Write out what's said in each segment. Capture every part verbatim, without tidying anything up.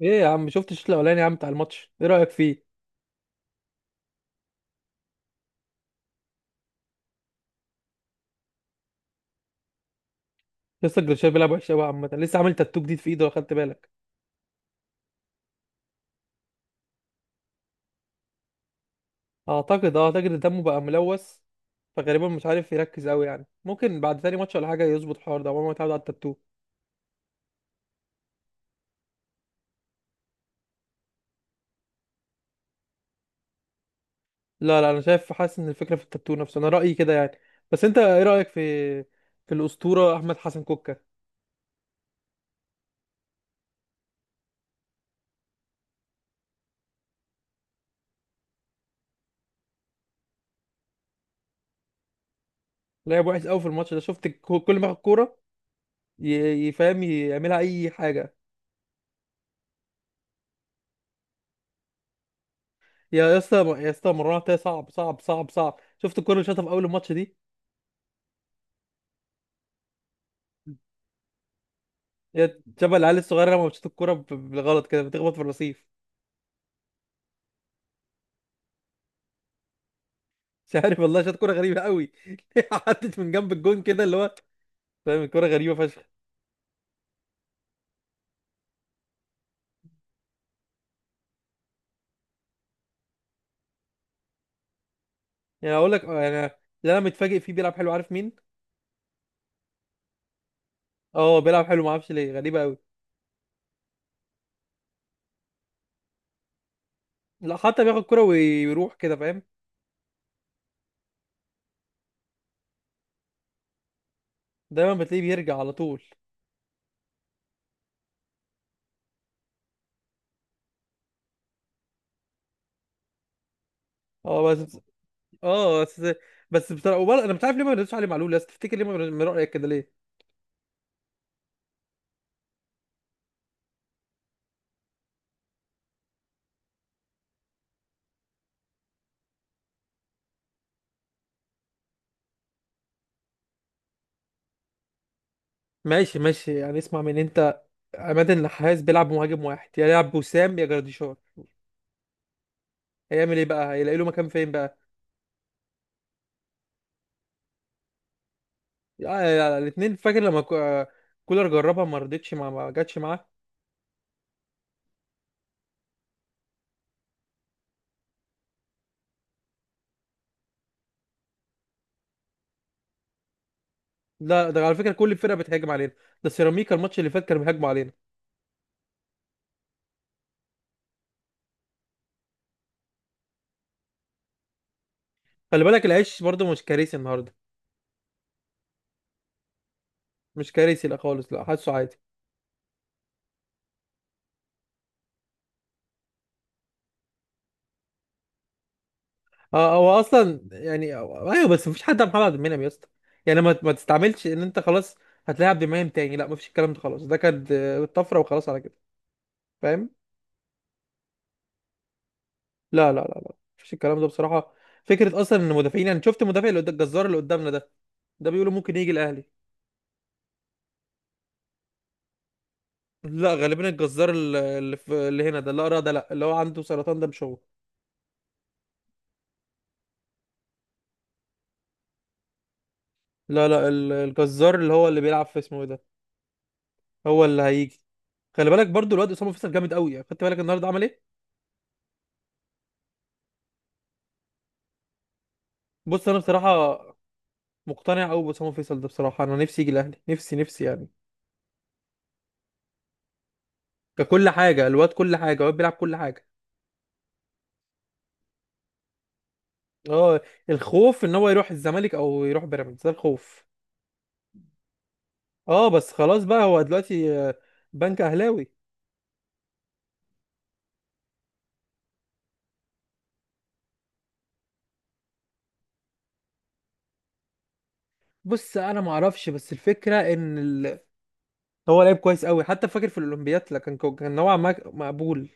ايه يا عم، شفت الشوط الاولاني يا عم بتاع الماتش؟ ايه رايك فيه؟ لسه جريشيا بيلعب وحش قوي عامه. لسه عامل تاتو جديد في ايده لو خدت بالك. اعتقد، اه اعتقد دمه بقى ملوث. فغالبا مش عارف يركز قوي، يعني ممكن بعد تاني ماتش ولا حاجه يظبط الحوار ده، عمره ما اتعود على التاتو. لا لا، انا شايف حاسس ان الفكره في التاتو نفسه، انا رايي كده يعني. بس انت ايه رايك في في الاسطوره احمد حسن كوكا؟ لعب وحش قوي في الماتش ده. شفت الكو- كل ما ياخد كوره ي- يفهم يعملها اي حاجه. يا يا اسطى، يا اسطى مرات، صعب صعب صعب صعب. شفت الكوره اللي شاطها في اول الماتش دي؟ هي شبه العيال الصغيره لما بتشوط الكوره ب- بالغلط كده، بتخبط في الرصيف. مش عارف والله، شاط كوره غريبه قوي. عدت من جنب الجون كده، اللي هو فاهم، الكوره غريبه فشخ. يعني اقول لك آه، يعني، اللي انا متفاجئ فيه بيلعب حلو، عارف مين؟ اه بيلعب حلو، ما اعرفش ليه، غريبه قوي. لا، حتى بياخد كوره ويروح كده، فاهم. دايما بتلاقيه بيرجع على طول. اه بس. اه بس. بس بصراحه وبر- انا مش عارف ليه ما بنردش عليه معلول، بس تفتكر ليه ما بن- من رايك كده ليه؟ ماشي ماشي، يعني اسمع من انت. عماد النحاس بيلعب بمهاجم واحد، يا يلعب بوسام يا جراديشار. هيعمل ايه بقى؟ هيلاقي له مكان فين بقى؟ آه الاثنين، فاكر لما كو- آه، كولر جربها، ما رضتش، ما ما جاتش معاه. لا، ده على فكره كل الفرقه بتهاجم علينا. ده سيراميكا الماتش اللي فات كانوا بيهاجموا علينا. خلي بالك، العيش برضو مش كارثي النهارده. مش كارثي لا خالص، لا، حاسه عادي. اه، آه، هو اصلا يعني آه، ايوه، بس مفيش حد على محمد عبد المنعم يا اسطى. يعني ما ما تستعملش ان انت خلاص هتلاعب عبد المنعم تاني. لا، مفيش الكلام ده خلاص، ده كانت آه، طفره وخلاص، على كده فاهم. لا لا لا لا، مفيش الكلام ده بصراحة. فكرة أصلا إن المدافعين، يعني شفت المدافع اللي قد- الجزار اللي قدامنا ده، ده بيقولوا ممكن يجي الأهلي. لا غالبا الجزار ال- اللي في اللي هنا ده، لا أرى ده، لا، اللي هو عنده سرطان ده مش هو. لا لا، ال- الجزار اللي هو اللي بيلعب في، اسمه إيه ده، هو اللي هيجي. خلي بالك برضو، الواد أسامة فيصل جامد قوي يعني. خدت بالك النهارده عمل إيه؟ بص أنا بصراحة مقتنع قوي بأسامة فيصل ده بصراحة، أنا نفسي يجي الأهلي، نفسي نفسي يعني. ككل حاجة الواد، كل حاجة الواد بيلعب كل حاجة. اه. الخوف ان هو يروح الزمالك او يروح بيراميدز، ده الخوف. اه بس، خلاص بقى، هو دلوقتي آه، بنك اهلاوي. بص انا ما اعرفش، بس الفكره ان ال... هو لعيب كويس قوي، حتى فاكر في الاولمبياد لا، كان كو- كان نوعا ما مقبول.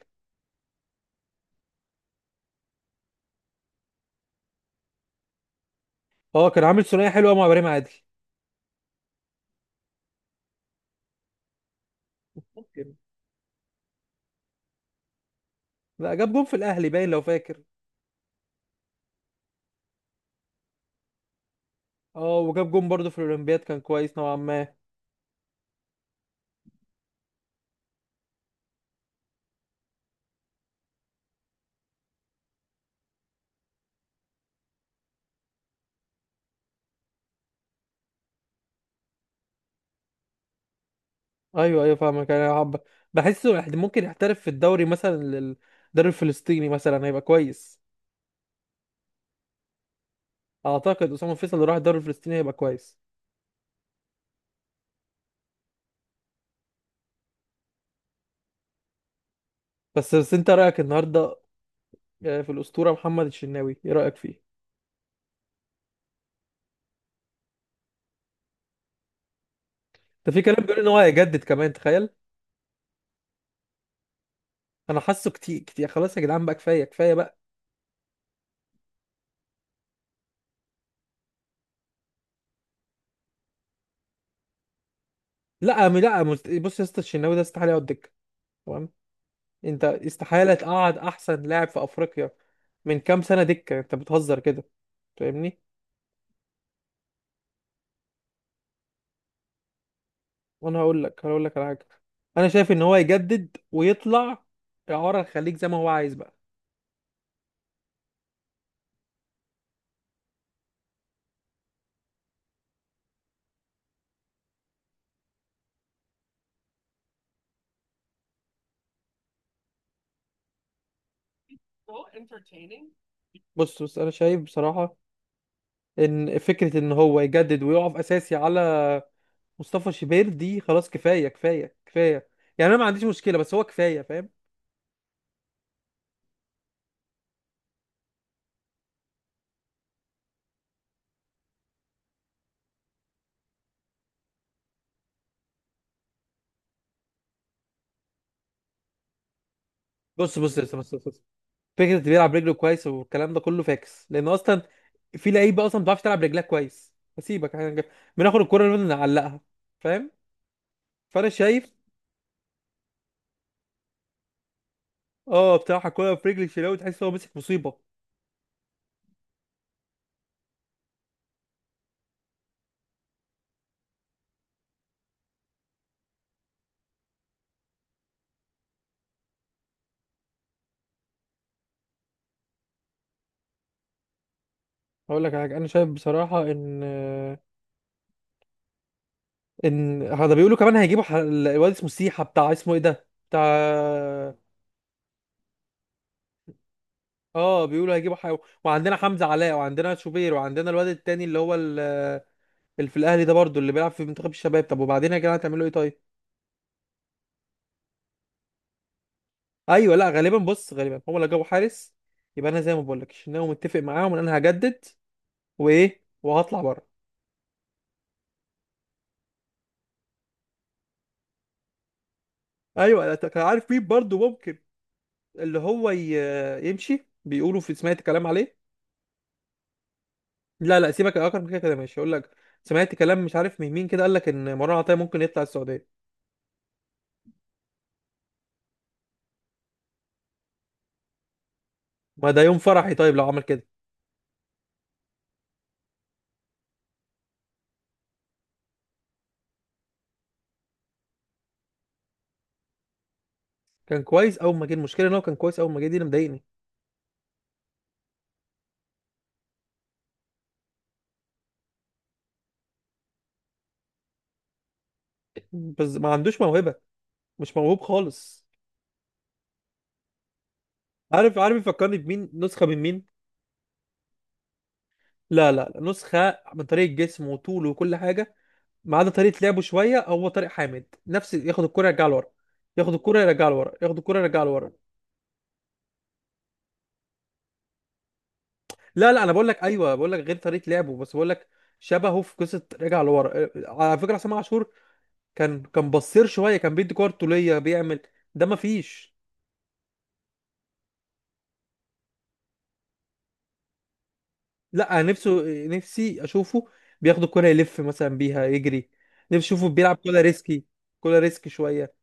اه كان عامل ثنائيه حلوه مع ابراهيم عادل. ممكن. لا، جاب جون في الاهلي باين لو فاكر. اه وجاب جون برضه في الاولمبياد، كان كويس نوعا ما. ايوه ايوه فاهمك، انا حب، بحسه يحت- ممكن يحترف في الدوري مثلا، لل- الدوري الفلسطيني مثلا هيبقى كويس. اعتقد اسامه فيصل لو راح الدوري الفلسطيني هيبقى كويس. بس بس انت رايك النهارده آه، في الاسطوره محمد الشناوي، ايه رايك فيه؟ ده في كلام بيقول ان هو هيجدد كمان، تخيل. انا حاسه كتير كتير، خلاص يا جدعان بقى، كفايه كفايه بقى. لا م- لا مست- بص يا اسطى، الشناوي ده استحاله يقعد دكه، تمام؟ انت استحاله تقعد احسن لاعب في افريقيا من كام سنه دكه، انت بتهزر كده فاهمني. وانا هقول لك هقول لك على حاجه. انا شايف ان هو يجدد ويطلع اعاره الخليج زي ما هو عايز بقى. بص بص انا شايف بصراحه ان فكره ان هو يجدد ويقف اساسي على مصطفى شوبير دي، خلاص كفايه كفايه كفايه. يعني انا ما عنديش مشكله، بس هو كفايه فاهم. بص بص بص بص, بص. فكره اللي بيلعب رجله كويس والكلام ده كله فاكس، لان اصلا في لعيبه اصلا ما بتعرفش تلعب رجلها كويس، هسيبك احنا بناخد الكره اللي نعلقها فاهم. فانا شايف. اه بصراحه الكره في رجل الشناوي تحس هو مسك مصيبه. هقول لك على حاجه، انا شايف بصراحه ان ان هذا بيقولوا كمان هيجيبوا ح- الواد اسمه سيحه، بتاع اسمه ايه ده بتاع. اه بيقولوا هيجيبوا حي... وعندنا حمزة علاء وعندنا شوبير وعندنا الواد التاني اللي هو ال- اللي في الاهلي ده برضو، اللي بيلعب في منتخب الشباب. طب وبعدين يا جماعة هتعملوا ايه طيب؟ ايوه، لا غالبا، بص غالبا هو لو جابوا حارس، يبقى انا زي ما بقول لك، انا متفق معاهم ان انا هجدد، وايه وهطلع بره. ايوه، لا، كان عارف مين برضو ممكن اللي هو ي... يمشي، بيقولوا في، سمعت كلام عليه. لا لا سيبك يا اكرم من كده، كده ماشي. يقول لك سمعت كلام مش عارف من مين كده، قال لك ان مروان عطية ممكن يطلع السعودية. ما ده يوم فرحي طيب لو عمل كده. كان كويس اول ما جه، المشكله ان هو كان كويس اول ما جه، دي اللي مضايقني. بس ما عندوش موهبه، مش موهوب خالص. عارف عارف يفكرني بمين، نسخه من مين؟ لا لا لا، نسخه من طريقه جسمه وطوله وكل حاجه، ما عدا طريقه لعبه شويه، هو طارق حامد نفس. ياخد الكره يرجعها لورا، ياخد الكره يرجعها لورا، ياخد الكره يرجعها لورا. لا لا انا بقول لك، ايوه بقول لك غير طريقه لعبه بس، بقول لك شبهه في قصه رجع لورا، على فكره عصام عاشور. كان كان بصير شويه، كان بيدي كور طوليه بيعمل، ده ما فيش. لا أنا نفسه، نفسي اشوفه بياخد الكرة يلف مثلا بيها يجري، نفسي اشوفه بيلعب كرة ريسكي، كرة ريسكي شوية.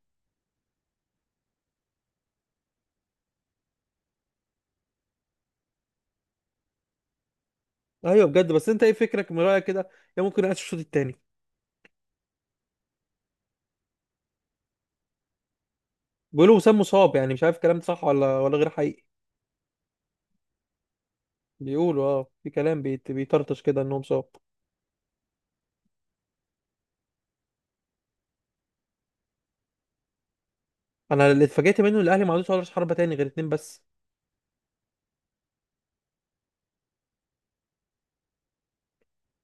ايوه بجد، بس انت ايه فكرك من رأيك كده؟ يا ممكن ينقص الشوط التاني. بيقولوا وسام مصاب، يعني مش عارف الكلام ده صح ولا ولا غير حقيقي. بيقولوا اه في كلام بيت- بيطرطش كده انه مصاب. انا اللي اتفاجئت منه إن الاهلي ما عندوش ولا حربة تاني غير اتنين بس.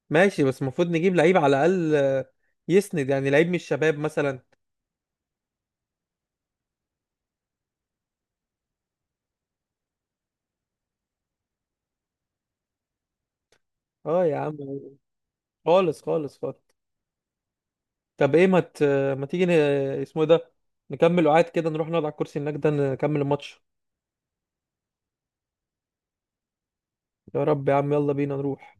ماشي، بس المفروض نجيب لعيب على الاقل آه، يسند، يعني لعيب من الشباب مثلا. اه يا عم. خالص خالص خالص. طب ايه، ما ت... ما تيجي ن... اسمه ايه ده، نكمل وقعد كده، نروح نقعد على الكرسي هناك ده نكمل الماتش. يا رب يا عم، يلا بينا نروح.